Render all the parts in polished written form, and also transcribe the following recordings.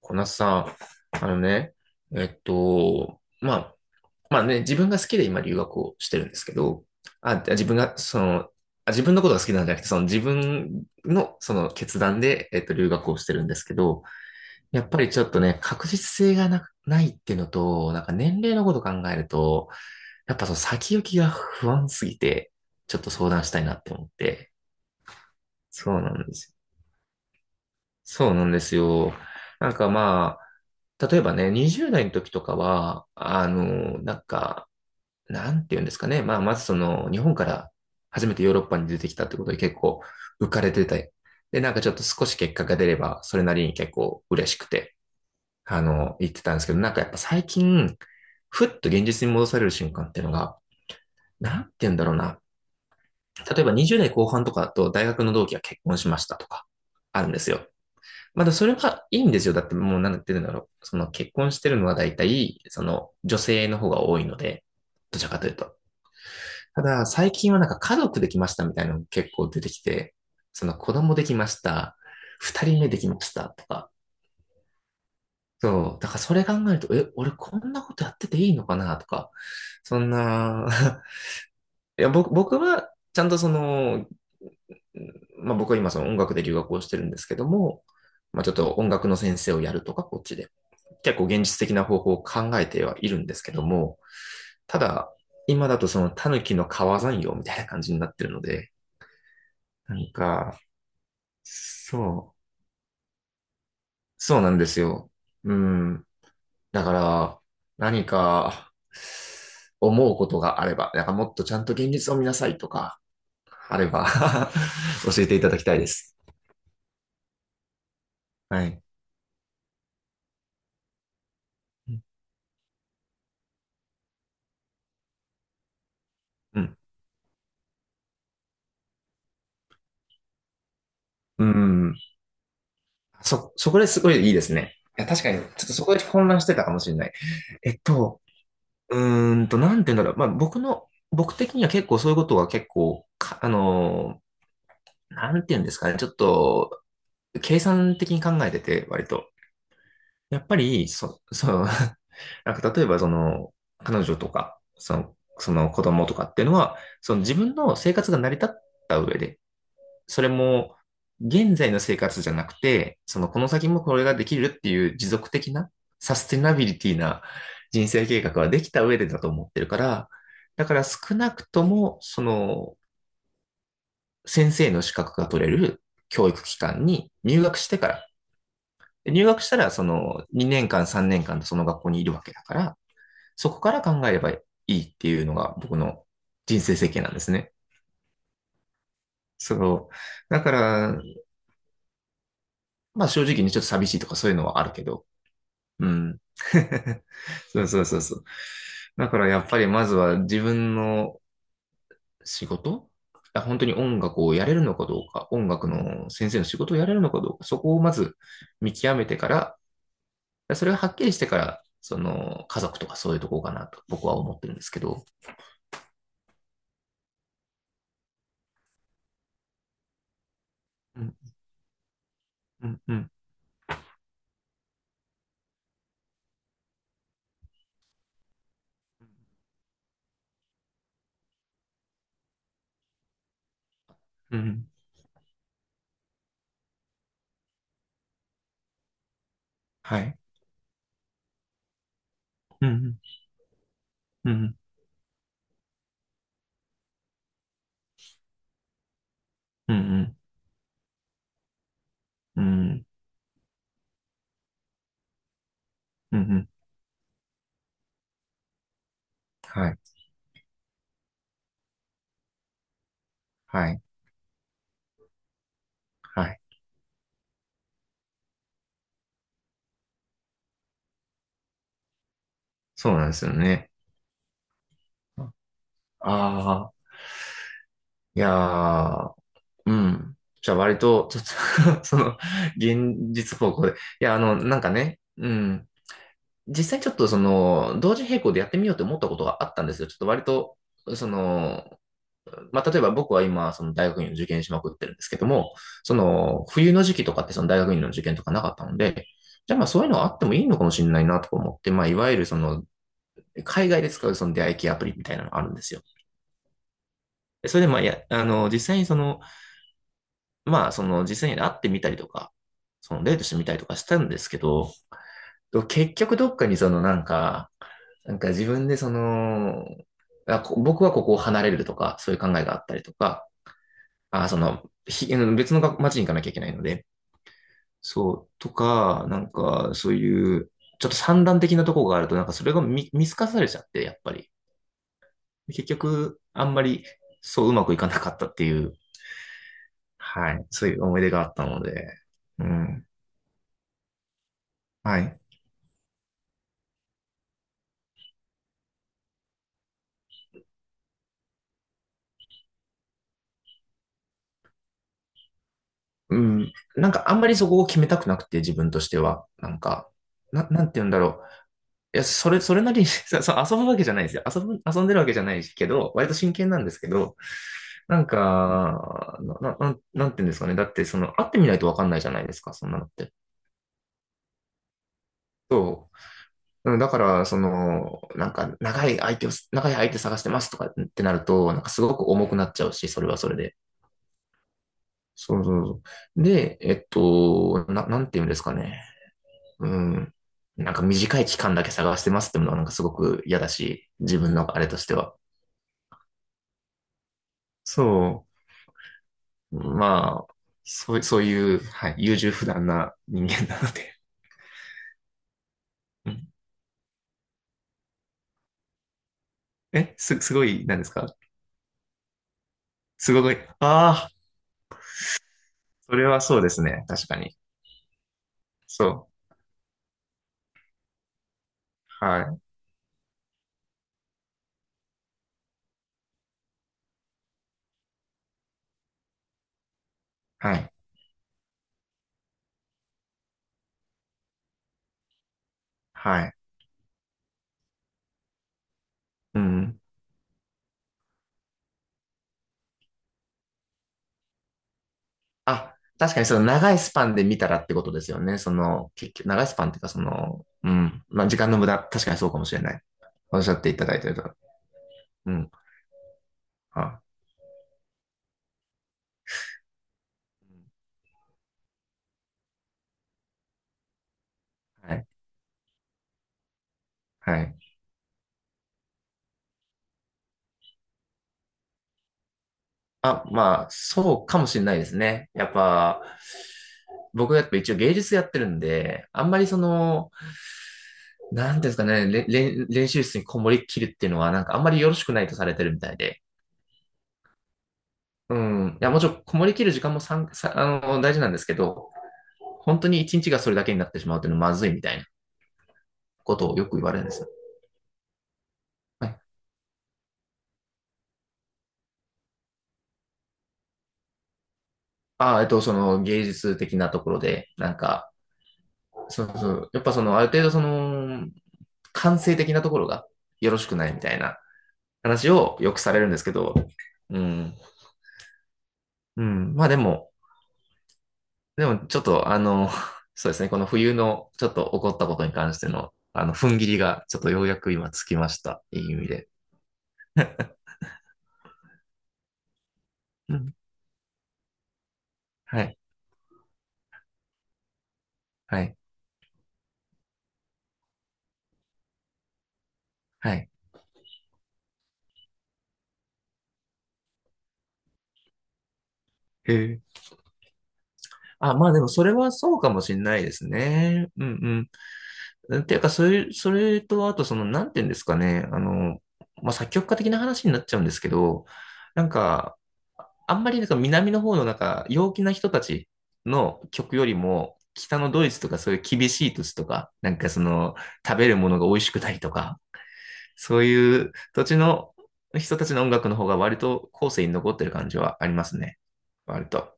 こなさん、あのね、えっと、まあ、まあね、自分が好きで今留学をしてるんですけど、あ、自分が、その、あ、自分のことが好きなんじゃなくて、その自分のその決断で、留学をしてるんですけど、やっぱりちょっとね、確実性がないっていうのと、なんか年齢のこと考えると、やっぱその先行きが不安すぎて、ちょっと相談したいなって思って。そうなんです。そうなんですよ。なんかまあ、例えばね、20代の時とかは、あの、なんか、なんて言うんですかね。まあ、まずその、日本から初めてヨーロッパに出てきたってことで結構浮かれてて、で、なんかちょっと少し結果が出れば、それなりに結構嬉しくて、あの、言ってたんですけど、なんかやっぱ最近、ふっと現実に戻される瞬間っていうのが、なんて言うんだろうな。例えば20代後半とかだと大学の同期が結婚しましたとか、あるんですよ。まだそれはいいんですよ。だってもうなんて言うんだろう。その結婚してるのは大体、その女性の方が多いので、どちらかというと。ただ、最近はなんか家族できましたみたいなの結構出てきて、その子供できました、二人目できましたとか。そう。だからそれ考えると、え、俺こんなことやってていいのかなとか、そんな、いや、僕はちゃんとそのまあ僕は今その音楽で留学をしてるんですけども、まあちょっと音楽の先生をやるとか、こっちで。結構現実的な方法を考えてはいるんですけども、ただ、今だとそのタヌキの川山用みたいな感じになってるので、なんか、そう、そうなんですよ。うん。だから、何か、思うことがあれば、なんかもっとちゃんと現実を見なさいとか、あれば 教えていただきたいです。はい。うん。うん。そこですごいいいですね。いや、確かに、ちょっとそこで混乱してたかもしれない。えっと、うーんと、なんて言うんだろう。まあ、僕の、僕的には結構そういうことは結構、かあのー、なんて言うんですかね。ちょっと、計算的に考えてて、割と。やっぱり、そう、なんか例えば、その、彼女とか、その、その子供とかっていうのは、その自分の生活が成り立った上で、それも、現在の生活じゃなくて、そのこの先もこれができるっていう持続的な、サステナビリティな人生計画はできた上でだと思ってるから、だから少なくとも、その、先生の資格が取れる教育機関に入学してから、入学したらその2年間3年間その学校にいるわけだから、そこから考えればいいっていうのが僕の人生設計なんですね。そう。だから、まあ正直にちょっと寂しいとかそういうのはあるけど、うん。そうそうそうそう。だからやっぱりまずは自分の仕事あ本当に音楽をやれるのかどうか、音楽の先生の仕事をやれるのかどうか、そこをまず見極めてから、それがはっきりしてから、その家族とかそういうとこかなと僕は思ってるんですけど。うん、うん、うん、うん。はい。うん、うん、うん、うん、うん、うん、うん。うんはい。はい。はい。そうなんですよね。ああ、いやー。うん。じゃあ割と、ちょっと その、現実方向で。いや、あの、なんかね、うん。実際ちょっとその、同時並行でやってみようと思ったことがあったんですよ。ちょっと割と、その、まあ、例えば僕は今、その大学院を受験しまくってるんですけども、その、冬の時期とかってその大学院の受験とかなかったので、じゃあまあそういうのはあってもいいのかもしれないなとか思って、まあいわゆるその、海外で使うその出会い系アプリみたいなのがあるんですよ。でそれでまあ、いや、あの、実際にその、まあ、その実際に会ってみたりとか、そのデートしてみたりとかしたんですけど、結局どっかにそのなんか、なんか自分でその、あこ僕はここを離れるとか、そういう考えがあったりとか、あその、別の街に行かなきゃいけないので、そう、とか、なんか、そういう、ちょっと散乱的なところがあると、なんかそれが見透かされちゃって、やっぱり。結局、あんまり、そううまくいかなかったっていう、はい、そういう思い出があったので、うん、はい。うん。なんかあんまりそこを決めたくなくて、自分としては。なんか、なんて言うんだろう。いや、それなりに そう遊ぶわけじゃないですよ。遊んでるわけじゃないけど、割と真剣なんですけど、なんか、なんなんて言うんですかね。だって、その、会ってみないとわかんないじゃないですか、そんなのって。そう。うんだから、その、なんか、長い相手探してますとかってなると、なんかすごく重くなっちゃうし、それはそれで。そうそうそう。で、なんて言うんですかね。うん。なんか短い期間だけ探してますってものはなんかすごく嫌だし、自分のあれとしては。そう。まあ、そう、そういう、はい、優柔不断な人間なので。うんえ、すごい、何ですかすごい、ああ、それはそうですね。確かに。そう。はい、はい、はい。うん。あ、確かにその長いスパンで見たらってことですよね。その、結局、長いスパンっていうか、その、うん。まあ、時間の無駄、確かにそうかもしれない。おっしゃっていただいてると。うん。は。はい。はい。あ、まあ、そうかもしれないですね。やっぱ、僕やっぱ一応芸術やってるんで、あんまりその、なんていうんですかね、れれん練習室にこもりきるっていうのは、なんかあんまりよろしくないとされてるみたいで。うん。いや、もちろんこもりきる時間もさん、さ、あの、大事なんですけど、本当に一日がそれだけになってしまうっていうのはまずいみたいなことをよく言われるんですよ。はい。あ、その芸術的なところで、なんか、そうそう。やっぱその、ある程度その、感性的なところがよろしくないみたいな話をよくされるんですけど、うん。うん。でもちょっとあの、そうですね、この冬のちょっと起こったことに関しての、あの、踏ん切りがちょっとようやく今つきました。いい意味で。うん。はい。はい。はい。へえ。あ、まあでもそれはそうかもしれないですね。うんうん。ていうか、それとあとその、なんていうんですかね。あの、まあ作曲家的な話になっちゃうんですけど、なんか、あんまりなんか南の方のなんか陽気な人たちの曲よりも、北のドイツとかそういう厳しい土地とか、なんかその食べるものが美味しくないとか、そういう土地の人たちの音楽の方が割と後世に残ってる感じはありますね。割と。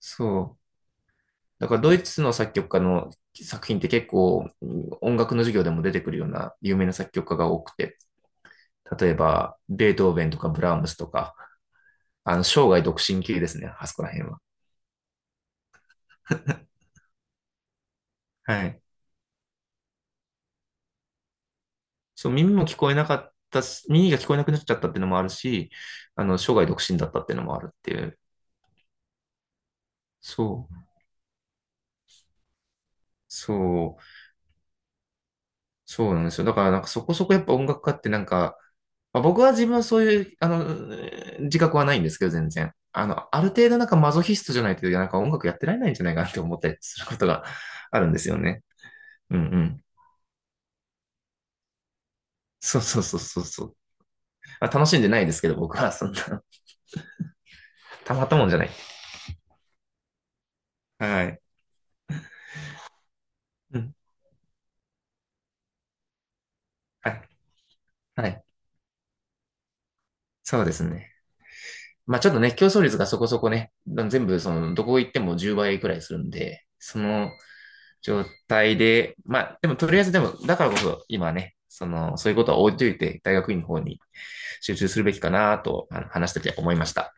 そう。だからドイツの作曲家の作品って結構音楽の授業でも出てくるような有名な作曲家が多くて、例えばベートーベンとかブラームスとか、あの生涯独身級ですね、あそこら辺は。はい。そう、耳も聞こえなかったし、耳が聞こえなくなっちゃったっていうのもあるし、あの、生涯独身だったっていうのもあるっていう。そう、そう、そうなんですよ。だからなんかそこそこやっぱ音楽家ってなんか、まあ、僕は自分はそういう、あの、自覚はないんですけど、全然。あの、ある程度なんかマゾヒストじゃないと、なんか音楽やってられないんじゃないかなって思ったりすることがあるんですよね。うんうん。そうそうそうそうそう。まあ、楽しんでないですけど、僕はそんな、たまったもんじゃない。はい。うん。はい。はい。そうですね。まあちょっとね、競争率がそこそこね、全部その、どこ行っても10倍くらいするんで、その状態で、まあでもとりあえずでも、だからこそ今ね、その、そういうことは置いといて、大学院の方に集中するべきかなと、あの話してて思いました。